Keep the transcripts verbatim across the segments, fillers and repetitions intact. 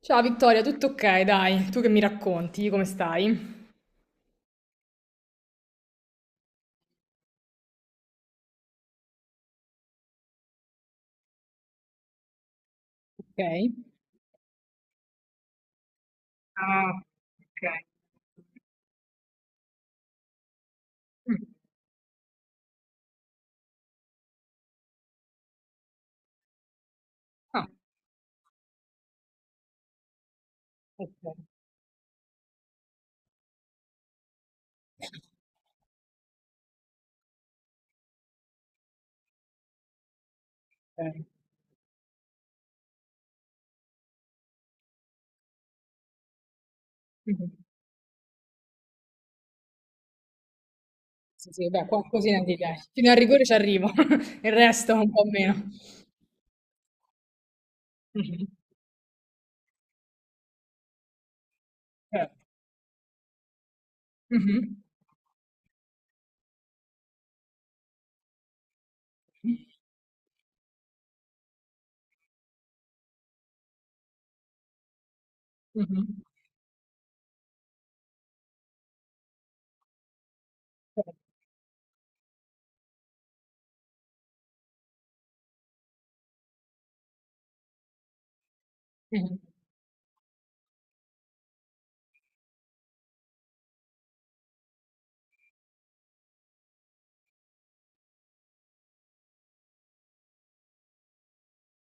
Ciao Vittoria, tutto ok? Dai, tu che mi racconti? Come stai? Ok. Ah, ok. Mm. Ah, ok, ok. Mhm. Sì, sì, beh, qualcosina ti piace. Fino al rigore ci arrivo, il resto un po' meno. Mhm. Certo. Mhm. Mhm. Certo. Mhm.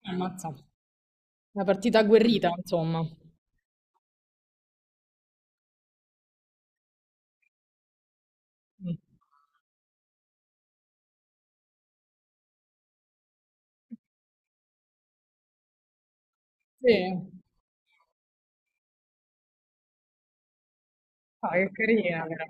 Ammazza. Una partita agguerrita, insomma. Mm. Sì, ah, che carina, però.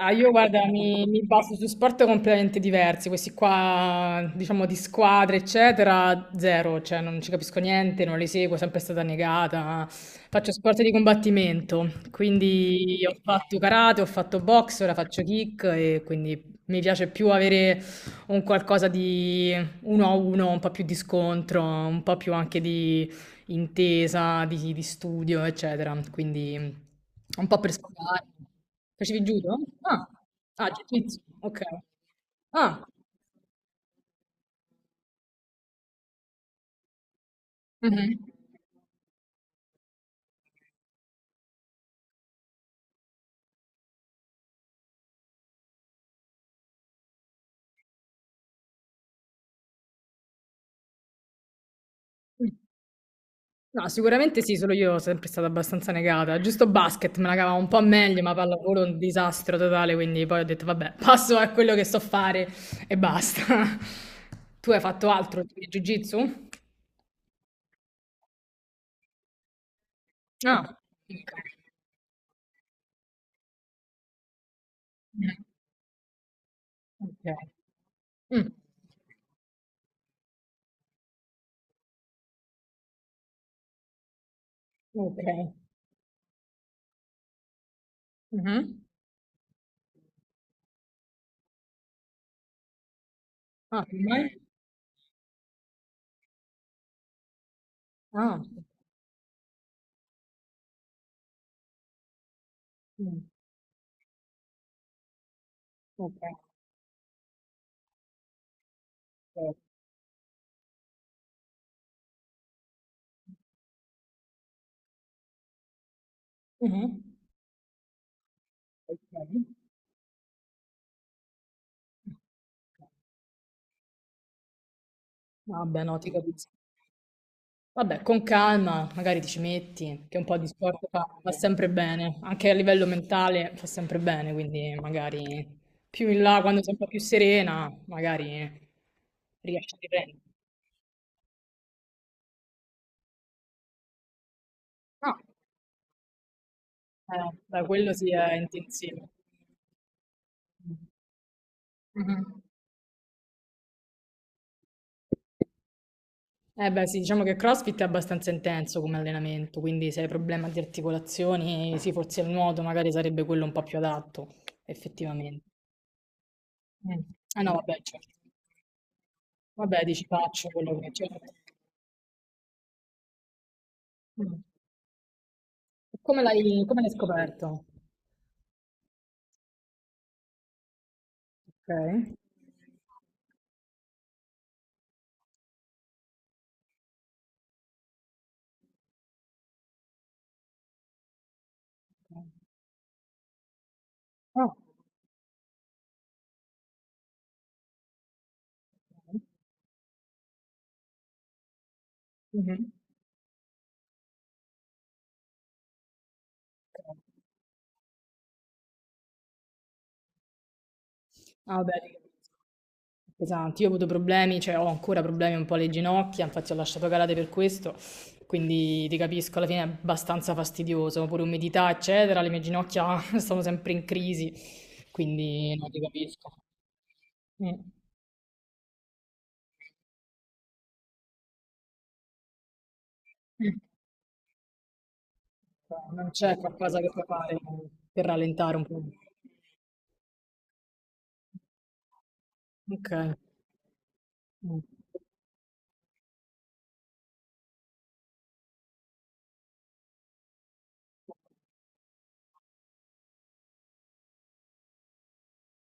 Ah, io guarda, mi, mi baso su sport completamente diversi, questi qua, diciamo, di squadre, eccetera, zero, cioè non ci capisco niente, non li seguo, è sempre stata negata. Faccio sport di combattimento, quindi ho fatto karate, ho fatto box, ora faccio kick e quindi mi piace più avere un qualcosa di uno a uno, un po' più di scontro, un po' più anche di intesa di, di studio, eccetera. Quindi mh, un po' per sfogare. Facevi judo? Ah, ah, jiu-jitsu, ok. Ah, mhm. No, sicuramente sì, solo io sono sempre stata abbastanza negata. Giusto basket me la cavavo un po' meglio, ma pallavolo è un disastro totale, quindi poi ho detto vabbè, passo a quello che so fare e basta. Tu hai fatto altro di jiu-jitsu? Ah, ok. Mm, ok. Mm, ok. Mhm. Ah, come mai? Ah, mh. Okay. Eh. Mh-mh. Okay. Vabbè, no, ti capisco. Vabbè, con calma, magari ti ci metti, che un po' di sport fa fa sempre bene, anche a livello mentale fa sempre bene, quindi magari più in là, quando sei un po' più serena, magari riesci a riprendere. Ah, eh, beh, quello sì è intensivo. Mh. Mh-mh. Eh beh, sì, diciamo che CrossFit è abbastanza intenso come allenamento, quindi se hai problema di articolazioni, sì, forse il nuoto magari sarebbe quello un po' più adatto, effettivamente. Mm. Ah no, vabbè, certo. Vabbè, dici faccio quello che c'è. Mm. Come l'hai come l'hai scoperto? Ok. Ah, ok. Mhm. Ah vabbè, ti capisco. Pesanti. Io ho avuto problemi, cioè ho ancora problemi un po' alle ginocchia, infatti ho lasciato calate per questo, quindi ti capisco, alla fine è abbastanza fastidioso, pure umidità, eccetera, le mie ginocchia sono sempre in crisi, quindi no, ti capisco. Mm. Mm. Cioè, non c'è qualcosa che puoi fare per rallentare un po'. Ok. Mm.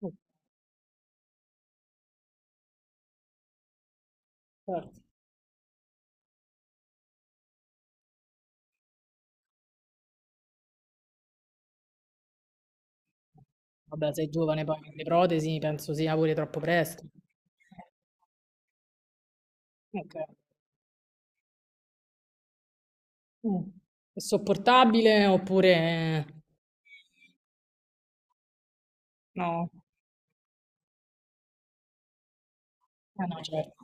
Oh, certo. Vabbè, sei giovane, poi le protesi penso sia pure troppo presto. Ok. Mm. È sopportabile oppure... No, eh no, certo.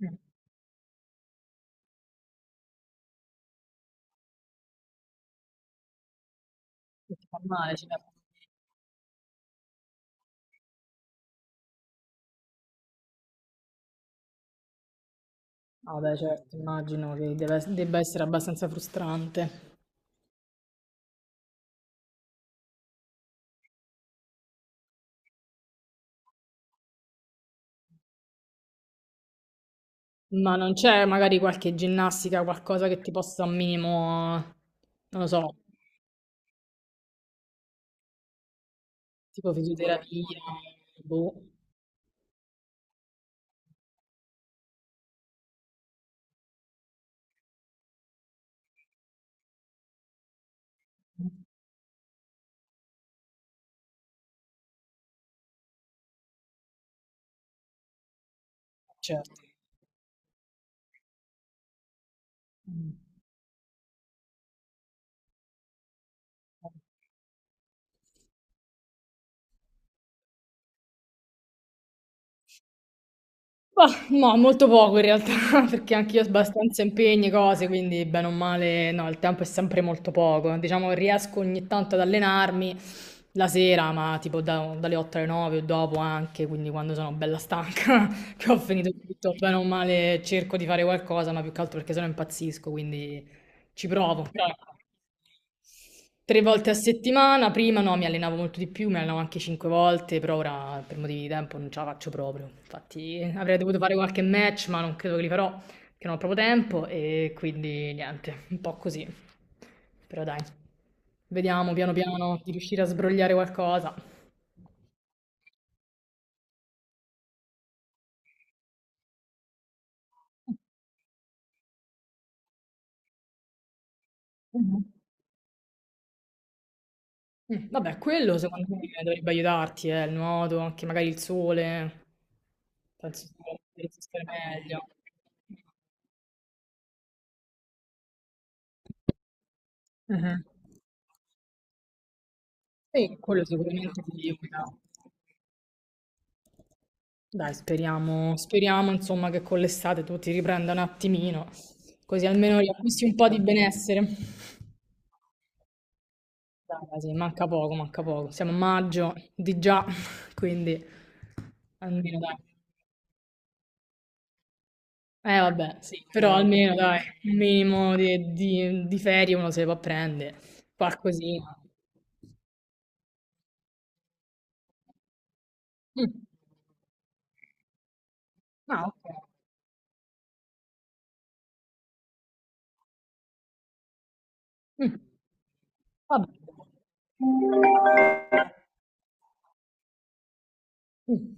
Mm. Ti fa male, certo. Vabbè, certo, immagino che deve- debba essere abbastanza frustrante. Ma non c'è magari qualche ginnastica, qualcosa che ti possa un minimo, non lo so, tipo fisioterapia, boh. Certo. Mm. Mah, no, molto poco in realtà, perché anch'io ho abbastanza impegni, cose, quindi bene o male, no, il tempo è sempre molto poco. Diciamo che riesco ogni tanto ad allenarmi, la sera, ma tipo da- dalle otto alle nove o dopo anche, quindi quando sono bella stanca, che ho finito tutto bene o male, cerco di fare qualcosa, ma più che altro perché sennò impazzisco, quindi ci provo. Però ecco, tre volte a settimana, prima no, mi allenavo molto di più, mi allenavo anche cinque volte, però ora per motivi di tempo non ce la faccio proprio. Infatti avrei dovuto fare qualche match, ma non credo che li farò, perché non ho proprio tempo e quindi niente, un po' così. Però dai, vediamo piano piano di riuscire a sbrogliare qualcosa. Mhm. Mm, vabbè, quello secondo me dovrebbe aiutarti, eh, il nuoto, anche magari il sole. Penso che resistere meglio. Mhm. Sì, quello sicuramente ti aiuta. Dai, speriamo, speriamo insomma che con l'estate tu ti riprenda un attimino, così almeno riacquisti un po' di benessere. Dai, quasi, manca poco, manca poco. Siamo a maggio di già, quindi almeno dai. Eh vabbè, sì, però almeno dai, un minimo di, di- di ferie uno se le può prendere, qualcosina. Mm. Ah, ok. Mm. Vabbè. Mm.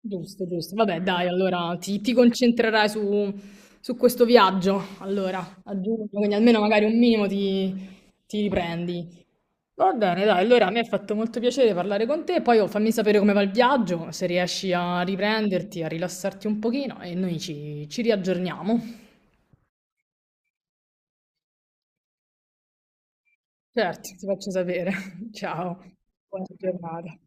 Giusto, giusto. Vabbè, dai, allora ti, ti concentrerai su, su, questo viaggio, allora, a giugno, quindi almeno magari un minimo ti, ti riprendi. Va bene, dai, allora mi ha fatto molto piacere parlare con te, poi oh, fammi sapere come va il viaggio, se riesci a riprenderti, a rilassarti un pochino e noi ci, ci riaggiorniamo. Certo, ti faccio sapere. Ciao, buona giornata.